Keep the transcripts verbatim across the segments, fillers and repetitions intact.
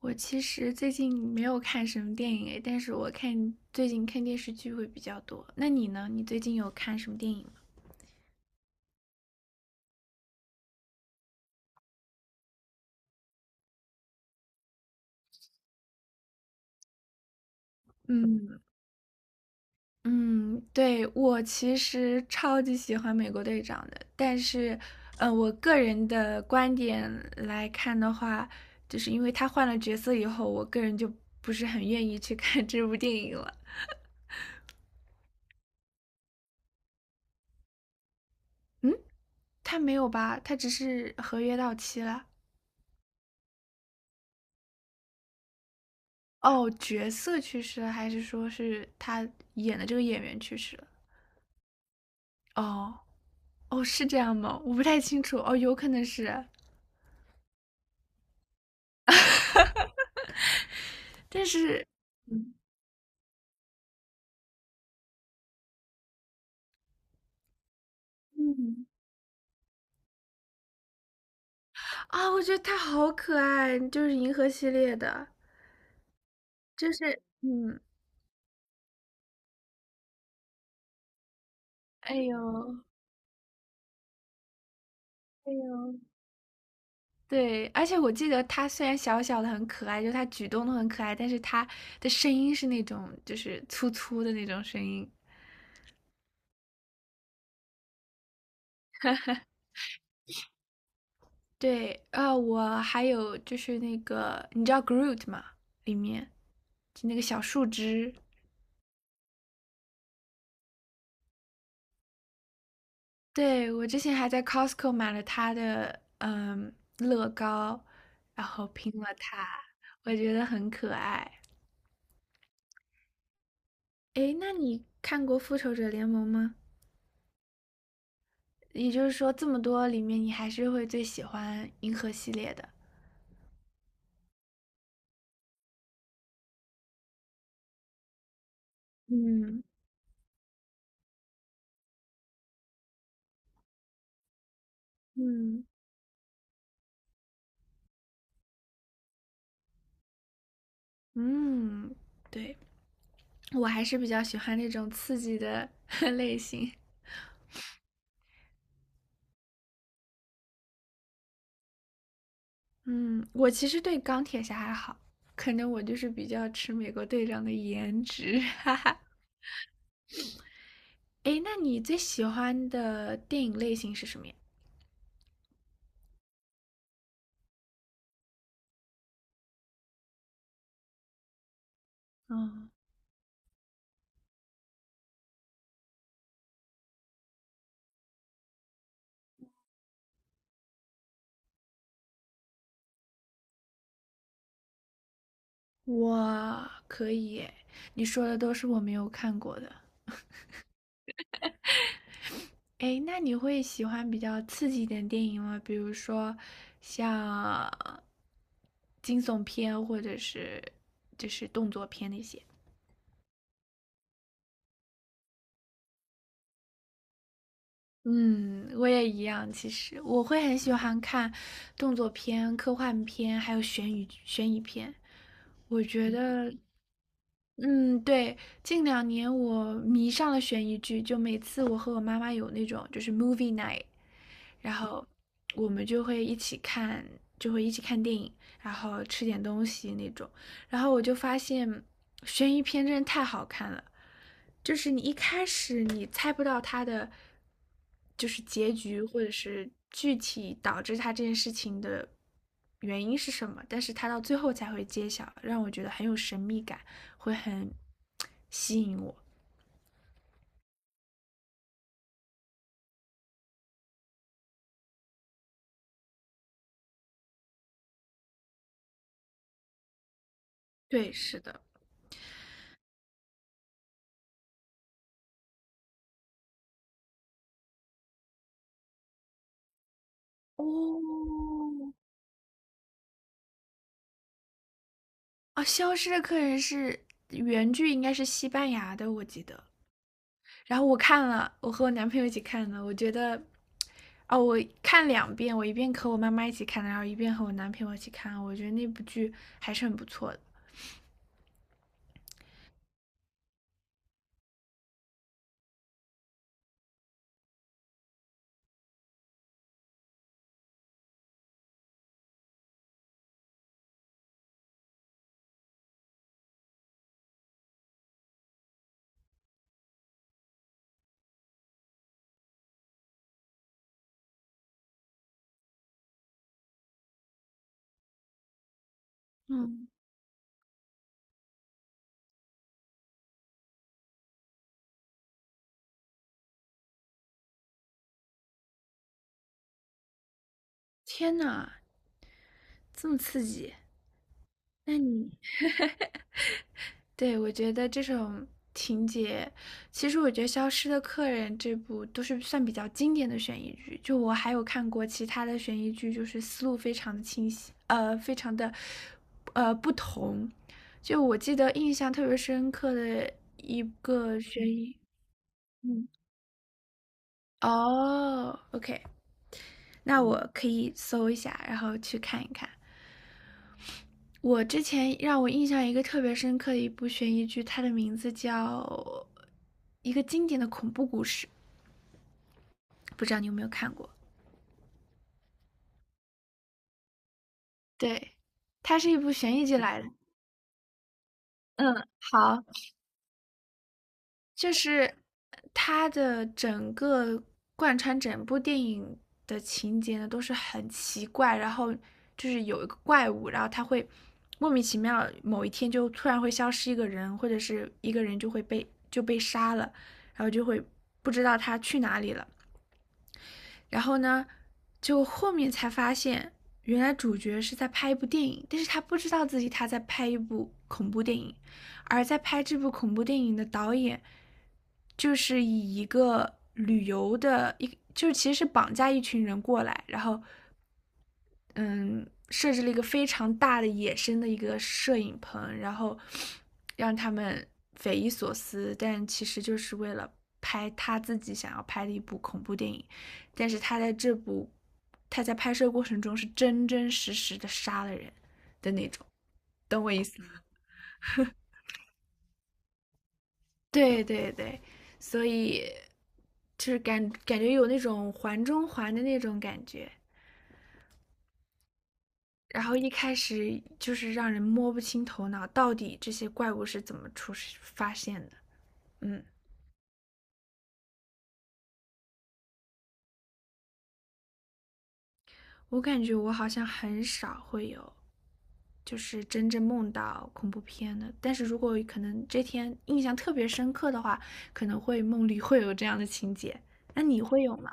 我其实最近没有看什么电影诶，但是我看最近看电视剧会比较多。那你呢？你最近有看什么电影吗？嗯嗯，对，我其实超级喜欢美国队长的，但是，呃，我个人的观点来看的话，就是因为他换了角色以后，我个人就不是很愿意去看这部电影了。嗯，他没有吧？他只是合约到期了。哦，角色去世了，还是说是他演的这个演员去世了？哦哦，是这样吗？我不太清楚。哦，有可能是，但是嗯，啊，我觉得他好可爱，就是银河系列的，就是嗯，哎呦。哎呦，对，而且我记得他虽然小小的很可爱，就他举动都很可爱，但是他的声音是那种就是粗粗的那种声音，对啊，我还有就是那个，你知道 Groot 吗？里面就那个小树枝，对我之前还在 Costco 买了它的嗯乐高，然后拼了它，我觉得很可爱。诶，那你看过《复仇者联盟》吗？也就是说，这么多里面，你还是会最喜欢银河系列的。嗯嗯嗯，对，我还是比较喜欢那种刺激的 类型。嗯，我其实对钢铁侠还好，可能我就是比较吃美国队长的颜值。诶，那你最喜欢的电影类型是什么呀？嗯，我可以耶，你说的都是我没有看过的。诶，那你会喜欢比较刺激一点电影吗？比如说像惊悚片，或者是就是动作片那些。嗯，我也一样。其实我会很喜欢看动作片、科幻片，还有悬疑悬疑片。我觉嗯得，嗯，对，近两年我迷上了悬疑剧，就每次我和我妈妈有那种就是 movie night,然后我们就会一起看，就会一起看电影，然后吃点东西那种。然后我就发现悬疑片真的太好看了，就是你一开始你猜不到它的就是结局，或者是具体导致它这件事情的原因是什么，但是它到最后才会揭晓，让我觉得很有神秘感，会很吸引我。对，是的。哦，啊，《消失的客人》是原剧应该是西班牙的，我记得。然后我看了，我和我男朋友一起看的，我觉得，哦，我看两遍，我一遍和我妈妈一起看的，然后一遍和我男朋友一起看，我觉得那部剧还是很不错的。嗯，天呐，这么刺激！那你对我觉得这种情节，其实我觉得《消失的客人》这部都是算比较经典的悬疑剧。就我还有看过其他的悬疑剧，就是思路非常的清晰，呃，非常的呃不同。就我记得印象特别深刻的个悬疑，嗯，哦，OK,那我可以搜一下，然后去看一看。我之前让我印象一个特别深刻的一部悬疑剧，它的名字叫一个经典的恐怖故事，不知道你有没有看过？对，它是一部悬疑剧来的。好。就是它的整个贯穿整部电影的情节呢，都是很奇怪，然后就是有一个怪物，然后它会莫名其妙某一天就突然会消失一个人，或者是一个人就会被就被杀了，然后就会不知道他去哪里了。然后呢，就后面才发现，原来主角是在拍一部电影，但是他不知道自己他在拍一部恐怖电影，而在拍这部恐怖电影的导演，就是以一个旅游的一，就是其实是绑架一群人过来，然后嗯，设置了一个非常大的野生的一个摄影棚，然后让他们匪夷所思，但其实就是为了拍他自己想要拍的一部恐怖电影。但是他在这部他在拍摄过程中是真真实实的杀了人的那种，懂我意思吗？对对对，所以就是感感觉有那种环中环的那种感觉。然后一开始就是让人摸不清头脑，到底这些怪物是怎么出发现的？嗯，我感觉我好像很少会有，就是真正梦到恐怖片的。但是如果可能这天印象特别深刻的话，可能会梦里会有这样的情节。那你会有吗？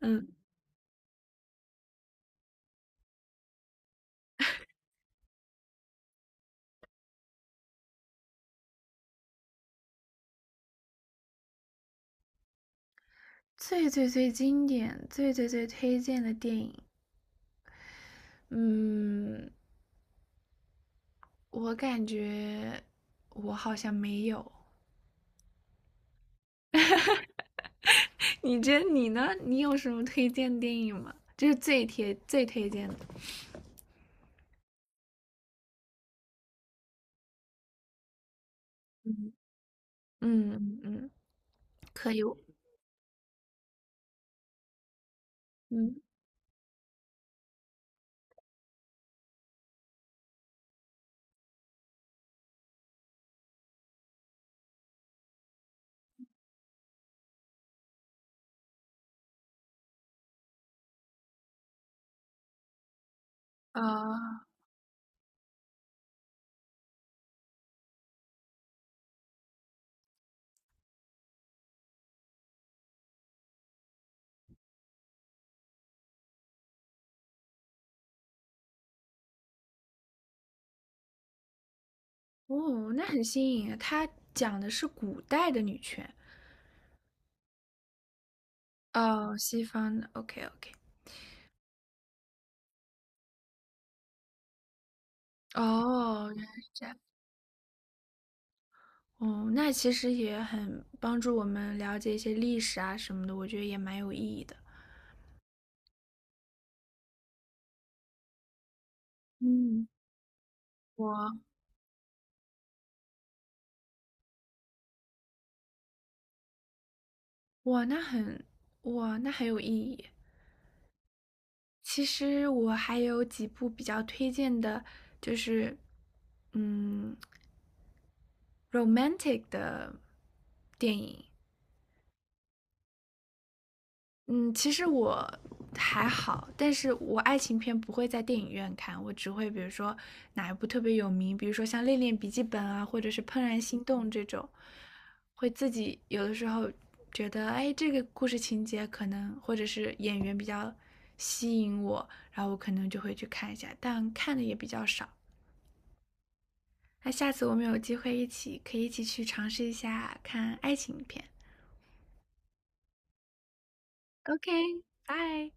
嗯，最最最经典、最最最推荐的电影，嗯，我感觉我好像没有。你这你呢？你有什么推荐电影吗？就是最贴最推荐的。嗯嗯嗯，嗯可以。嗯啊、哦，那很新颖啊！它讲的是古代的女权，哦，西方的。OK OK。哦，原来是这样。哦，那其实也很帮助我们了解一些历史啊什么的，我觉得也蛮有意义的。嗯，我哇，那很哇，那很有意义。其实我还有几部比较推荐的，就是嗯，romantic 的电影。嗯，其实我还好，但是我爱情片不会在电影院看，我只会比如说哪一部特别有名，比如说像《恋恋笔记本》啊，或者是《怦然心动》这种，会自己有的时候觉得，哎，这个故事情节可能或者是演员比较吸引我，然后我可能就会去看一下，但看的也比较少。那下次我们有机会一起，可以一起去尝试一下看爱情片。OK,拜。